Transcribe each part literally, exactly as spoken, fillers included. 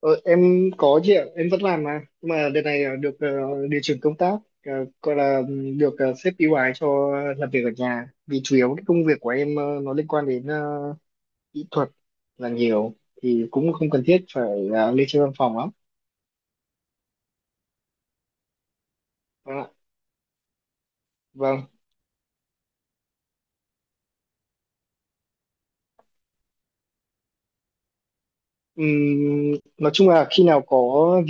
Ờ, em có chị ạ, em vẫn làm mà. Nhưng mà đợt này ờ, được ờ, điều chuyển công tác, ờ, gọi là ừm, được ờ, sếp ưu ái cho làm việc ở nhà. Vì chủ yếu cái công việc của em ờ, nó liên quan đến ờ, kỹ thuật là nhiều, thì cũng không cần thiết phải ờ, lên trên văn phòng lắm. Vâng ạ. Vâng. Ừm, nói chung là khi nào có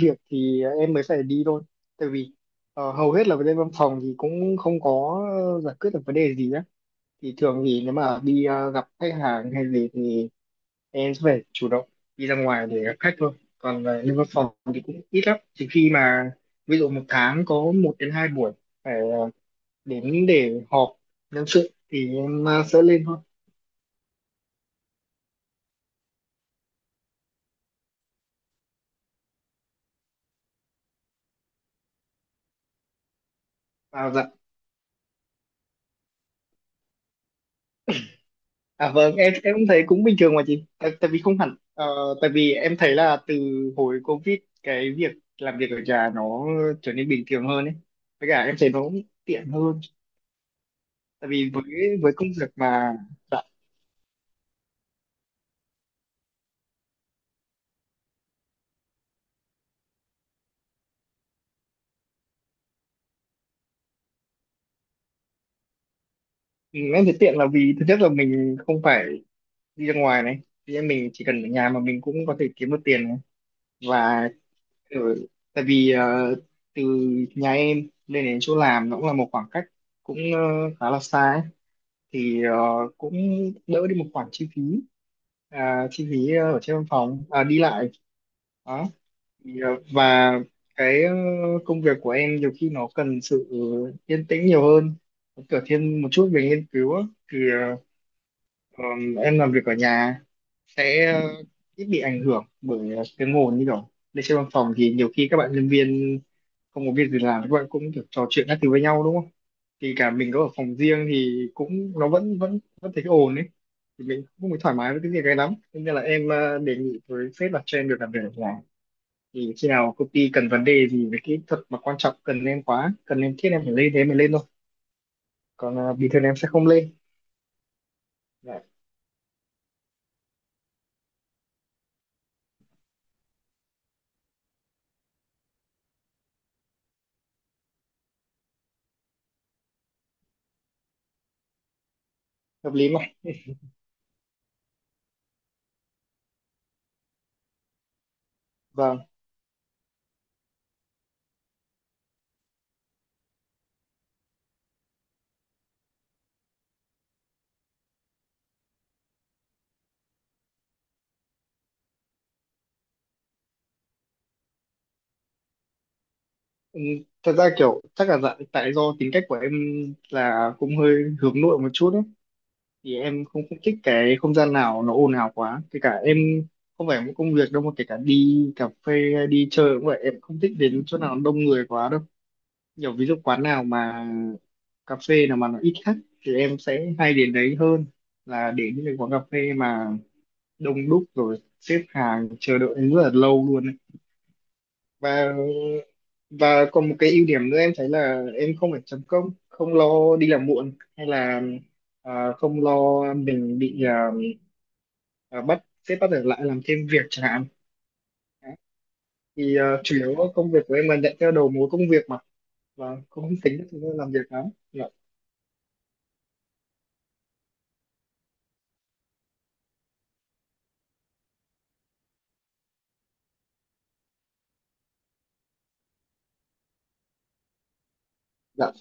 việc thì em mới phải đi thôi. Tại vì ờ, hầu hết là lên văn phòng thì cũng không có ờ, giải quyết được vấn đề gì á. Thì thường thì nếu mà đi ờ, gặp khách hàng hay gì thì em sẽ phải chủ động đi ra ngoài để gặp khách thôi, còn về lên văn phòng thì cũng ít lắm, chỉ khi mà ví dụ một tháng có một đến hai buổi phải ờ, đến để họp nhân sự thì em ờ, sẽ lên thôi. À dạ, à vâng, em em cũng thấy cũng bình thường mà chị, tại, tại vì không hẳn ờ, tại vì em thấy là từ hồi Covid cái việc làm việc ở nhà nó trở nên bình thường hơn ấy, với cả em thấy nó cũng tiện hơn. Tại vì với với công việc mà, dạ, ừ, em thấy tiện là vì thứ nhất là mình không phải đi ra ngoài này, thì em mình chỉ cần ở nhà mà mình cũng có thể kiếm được tiền này, và ở, tại vì ờ, từ nhà em lên đến chỗ làm nó cũng là một khoảng cách cũng ờ, khá là xa ấy. Thì ờ, cũng đỡ đi một khoản chi phí, à, chi phí ờ, ở trên văn phòng, à, đi lại đó, thì, ờ, và cái ờ, công việc của em nhiều khi nó cần sự yên tĩnh nhiều hơn, nó kiểu thiên một chút về nghiên cứu á. Thì ờ, ờ, em làm việc ở nhà sẽ ờ, ít bị ảnh hưởng bởi ờ, tiếng ồn, như kiểu lên trên văn phòng thì nhiều khi các bạn nhân viên không có việc gì làm các bạn cũng được trò chuyện các thứ với nhau, đúng không, thì cả mình có ở phòng riêng thì cũng nó vẫn vẫn vẫn thấy cái ồn ấy, thì mình cũng không thoải mái với cái việc này lắm. Thế nên là em ờ, đề nghị với sếp là cho em được làm việc ở nhà, thì khi nào công ty cần vấn đề gì về kỹ thuật mà quan trọng cần em quá, cần em thiết em phải lên thế em mới lên thôi, còn ờ, bình thường em sẽ không lên. Dạ, hợp lý mà. Vâng. Ừ, thật ra kiểu chắc là dạ- tại do tính cách của em là cũng hơi hướng nội một chút ấy, thì em không, không thích cái không gian nào nó ồn ào quá, kể cả em không phải một công việc đâu mà kể cả đi cà phê hay đi chơi cũng vậy, em không thích đến chỗ nào đông người quá đâu. Nhiều ví dụ quán nào mà cà phê nào mà nó ít khách thì em sẽ hay đến đấy hơn là đến những cái quán cà phê mà đông đúc rồi xếp hàng chờ đợi rất là lâu luôn ấy. và và còn một cái ưu điểm nữa em thấy là em không phải chấm công, không lo đi làm muộn, hay là à, không lo mình bị à, à, bắt sếp bắt ở lại làm thêm việc chẳng hạn. Đấy. Thì à, chủ yếu công việc của em là nhận theo đầu mối công việc mà, và cũng không tính được thời gian làm việc lắm, dạ. Dạ.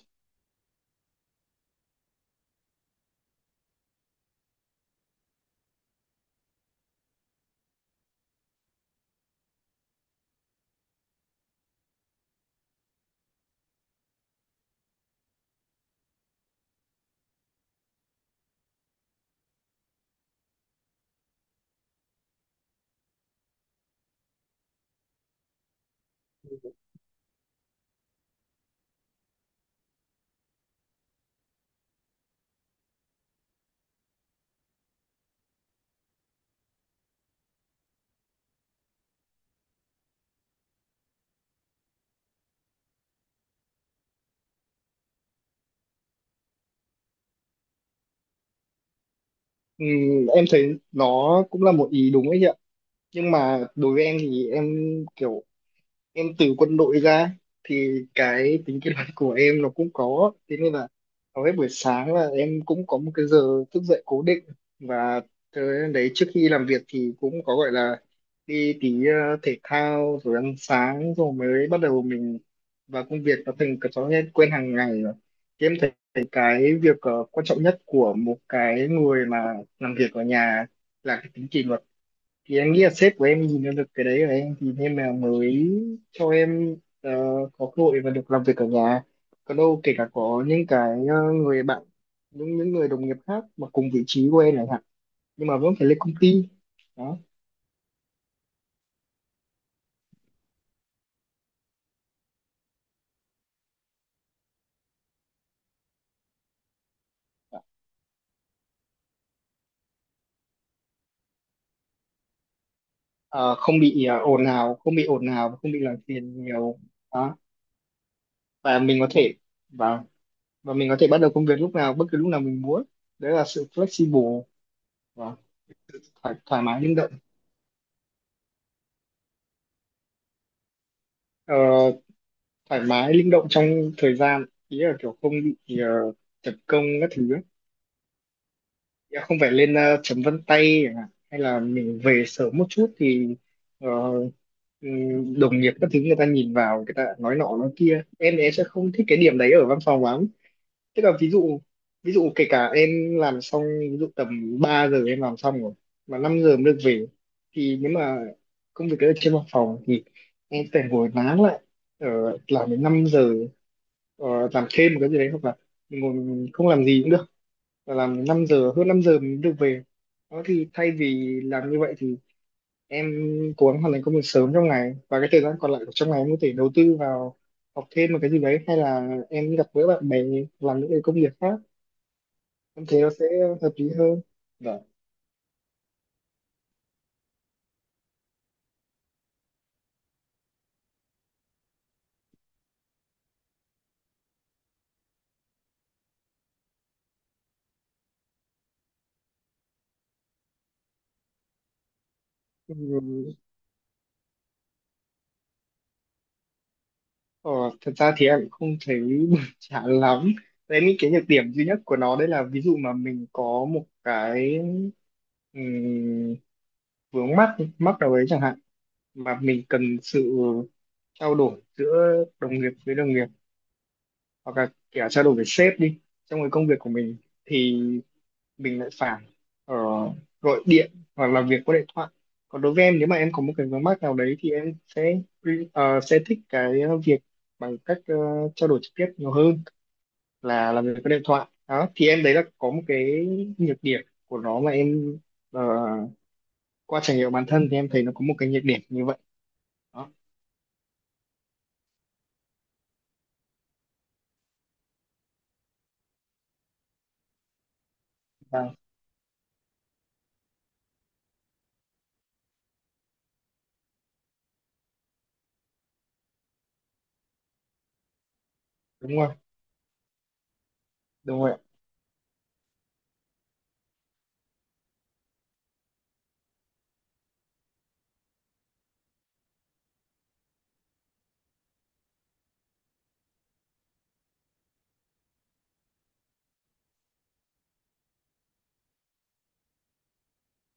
Ừm, em thấy nó cũng là một ý đúng ấy chị ạ, nhưng mà đối với em thì em kiểu em từ quân đội ra thì cái tính kỷ luật của em nó cũng có, thế nên là hầu hết buổi sáng là em cũng có một cái giờ thức dậy cố định, và tới đấy trước khi làm việc thì cũng có gọi là đi tí ờ, thể thao rồi ăn sáng rồi mới bắt đầu mình vào công việc, nó thành cái thói quen quen hàng ngày rồi, thì em thấy cái việc ờ, quan trọng nhất của một cái người mà làm việc ở nhà là cái tính kỷ luật, thì em nghĩ là sếp của em nhìn ra được cái đấy rồi em thì nên là mới cho em ờ, có cơ hội và được làm việc ở nhà. Còn đâu kể cả có những cái ờ, người bạn, những những người đồng nghiệp khác mà cùng vị trí của em chẳng hạn, nhưng mà vẫn phải lên công ty. Đó. Ờ, không bị ờ, ồn ào, không bị ồn ào và không bị làm phiền nhiều. Đó. Và mình có thể, và và mình có thể bắt đầu công việc lúc nào, bất cứ lúc nào mình muốn, đấy là sự flexible, và thoải, thoải mái linh động. Ờ, thoải mái linh động trong thời gian ý là kiểu không bị ờ, tập công các thứ ấy. Ý là không phải lên ờ, chấm vân tay chẳng hạn, hay là mình về sớm một chút thì ờ, ừm, đồng nghiệp các thứ người ta nhìn vào người ta nói nọ nói kia, em thì em sẽ không thích cái điểm đấy ở văn phòng lắm. Tức là ví dụ, ví dụ kể cả em làm xong, ví dụ tầm ba giờ em làm xong rồi mà năm giờ mới được về, thì nếu mà công việc ở trên văn phòng thì em phải ngồi nán lại ở làm đến năm giờ, ờ, làm thêm một cái gì đấy, hoặc là mình ngồi mình không làm gì cũng được, và làm năm giờ, hơn năm giờ mình mới được về. Đó thì thay vì làm như vậy thì em cố gắng hoàn thành công việc sớm trong ngày, và cái thời gian còn lại của trong ngày em có thể đầu tư vào học thêm một cái gì đấy, hay là em gặp gỡ bạn bè, làm những cái công việc khác, em thấy nó sẽ hợp lý hơn. Vâng. Ừ, ờ, thật ra thì em cũng không thấy buồn chán lắm. Đấy, những cái nhược điểm duy nhất của nó đấy là ví dụ mà mình có một cái ừm, vướng mắc mắc nào đấy chẳng hạn, mà mình cần sự trao đổi giữa đồng nghiệp với đồng nghiệp, hoặc là kể cả trao đổi với sếp đi, trong cái công việc của mình, thì mình lại phải ờ, gọi điện hoặc làm việc qua điện thoại. Còn đối với em nếu mà em có một cái vướng mắc nào đấy thì em sẽ ờ, sẽ thích cái việc bằng cách ờ, trao đổi trực tiếp nhiều hơn là làm việc qua điện thoại. Đó thì em đấy là có một cái nhược điểm của nó mà em ờ, qua trải nghiệm bản thân thì em thấy nó có một cái nhược điểm như vậy. Đó. Vâng, đúng rồi, đúng rồi.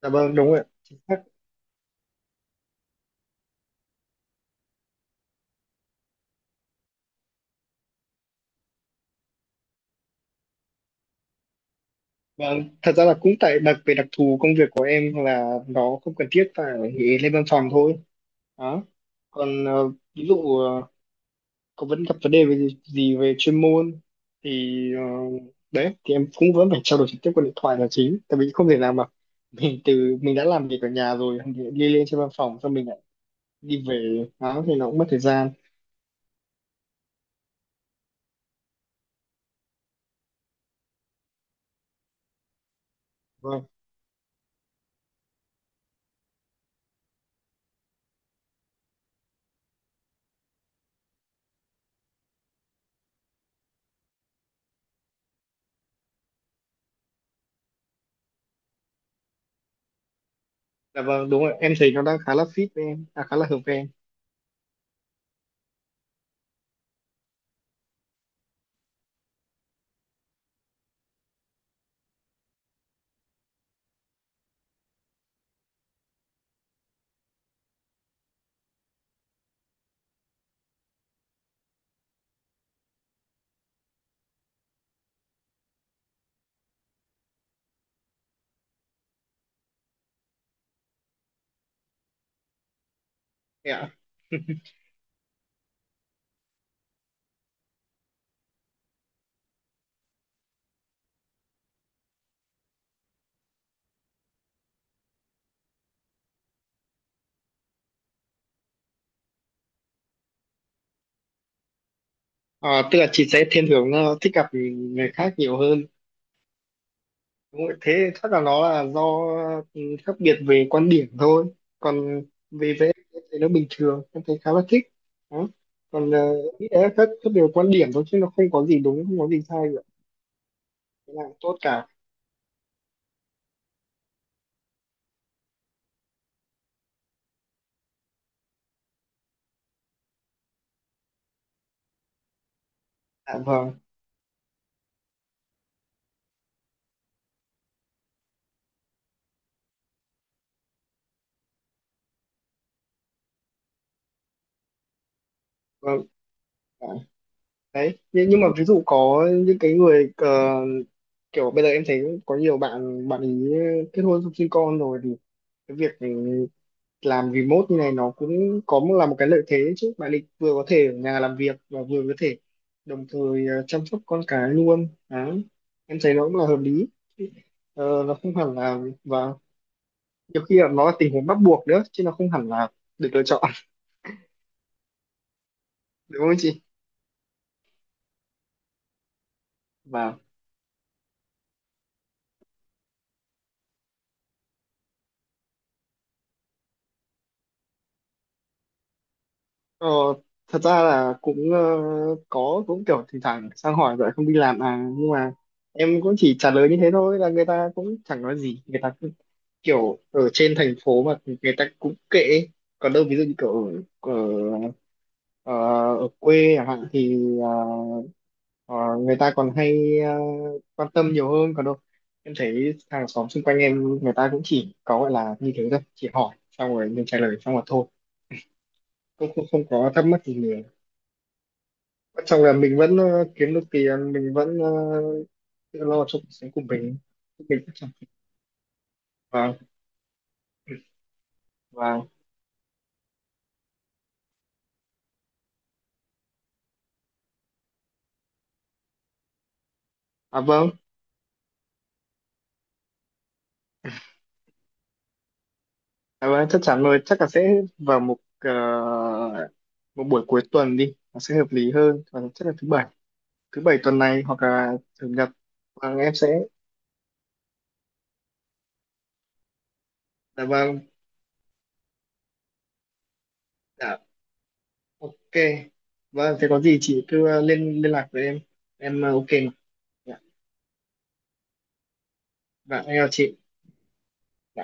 Dạ vâng, đúng rồi. Ạ. Chính xác. Vâng, thật ra là cũng tại đặc về đặc thù công việc của em là nó không cần thiết phải lên văn phòng thôi. Đó. Còn ờ, ví dụ ờ, có vẫn gặp vấn đề về gì, gì về chuyên môn, thì ờ, đấy thì em cũng vẫn phải trao đổi trực tiếp qua điện thoại là chính. Tại vì không thể nào mà mình từ mình đã làm việc ở nhà rồi thì đi lên trên văn phòng xong mình lại đi về, đó thì nó cũng mất thời gian. Vâng. Dạ vâng, đúng rồi. Em thấy nó đang khá là fit với em, à, khá là hợp với em. Dạ. À, tức là chị sẽ thiên hướng ờ, thích gặp người khác nhiều hơn. Đúng rồi, thế chắc là nó là do ừ, khác biệt về quan điểm thôi. Còn về vẽ thì nó bình thường, em thấy khá là thích. Đó. Còn uh, nghĩ là khác, khác biệt về quan điểm thôi, chứ nó không có gì đúng, không có gì sai cả. Thế là tốt cả. À, vâng, vâng. À, đấy. Nhưng, nhưng mà ví dụ có những cái người ờ, kiểu bây giờ em thấy có nhiều bạn bạn ý kết hôn xong sinh con rồi thì cái việc ừ, làm remote như này nó cũng có một- là một cái lợi thế đấy chứ, bạn định vừa có thể ở nhà làm việc và vừa có thể đồng thời ờ, chăm sóc con cái luôn đấy, em thấy nó cũng là hợp lý. Ờ, nó không hẳn là, và nhiều khi là nó là tình huống bắt buộc nữa chứ nó không hẳn là được lựa chọn đúng không chị. Và ờ, thật ra là cũng ờ, có cũng kiểu thỉnh thoảng sang hỏi vậy không đi làm à, nhưng mà em cũng chỉ trả lời như thế thôi, là người ta cũng chẳng nói gì, người ta cứ kiểu ở trên thành phố mà người ta cũng kệ ấy. Còn đâu ví dụ như kiểu ở, ở, ờ, ở quê chẳng hạn thì ờ, ờ, người ta còn hay ờ, quan tâm nhiều hơn. Còn đâu em thấy hàng xóm xung quanh em người ta cũng chỉ có gọi là như thế thôi, chỉ hỏi xong rồi mình trả lời xong rồi thôi, không không, không có thắc mắc gì nhiều. Quan trọng là mình vẫn ờ, kiếm được tiền, mình vẫn ờ, tự lo cho cuộc sống của mình mình cũng chẳng. Vâng. Vâng. À vâng. À, vâng, chắc chắn rồi, chắc là sẽ vào một ờ, một buổi cuối tuần đi, nó sẽ hợp lý hơn. Và chắc là thứ bảy, thứ bảy tuần này hoặc là chủ nhật. Vâng, em sẽ. Dạ vâng, dạ. Ok. Vâng, thế có gì chị cứ ờ, liên liên lạc với em. Em ờ, ok mà. Dạ. Vâng, em chào chị. Dạ.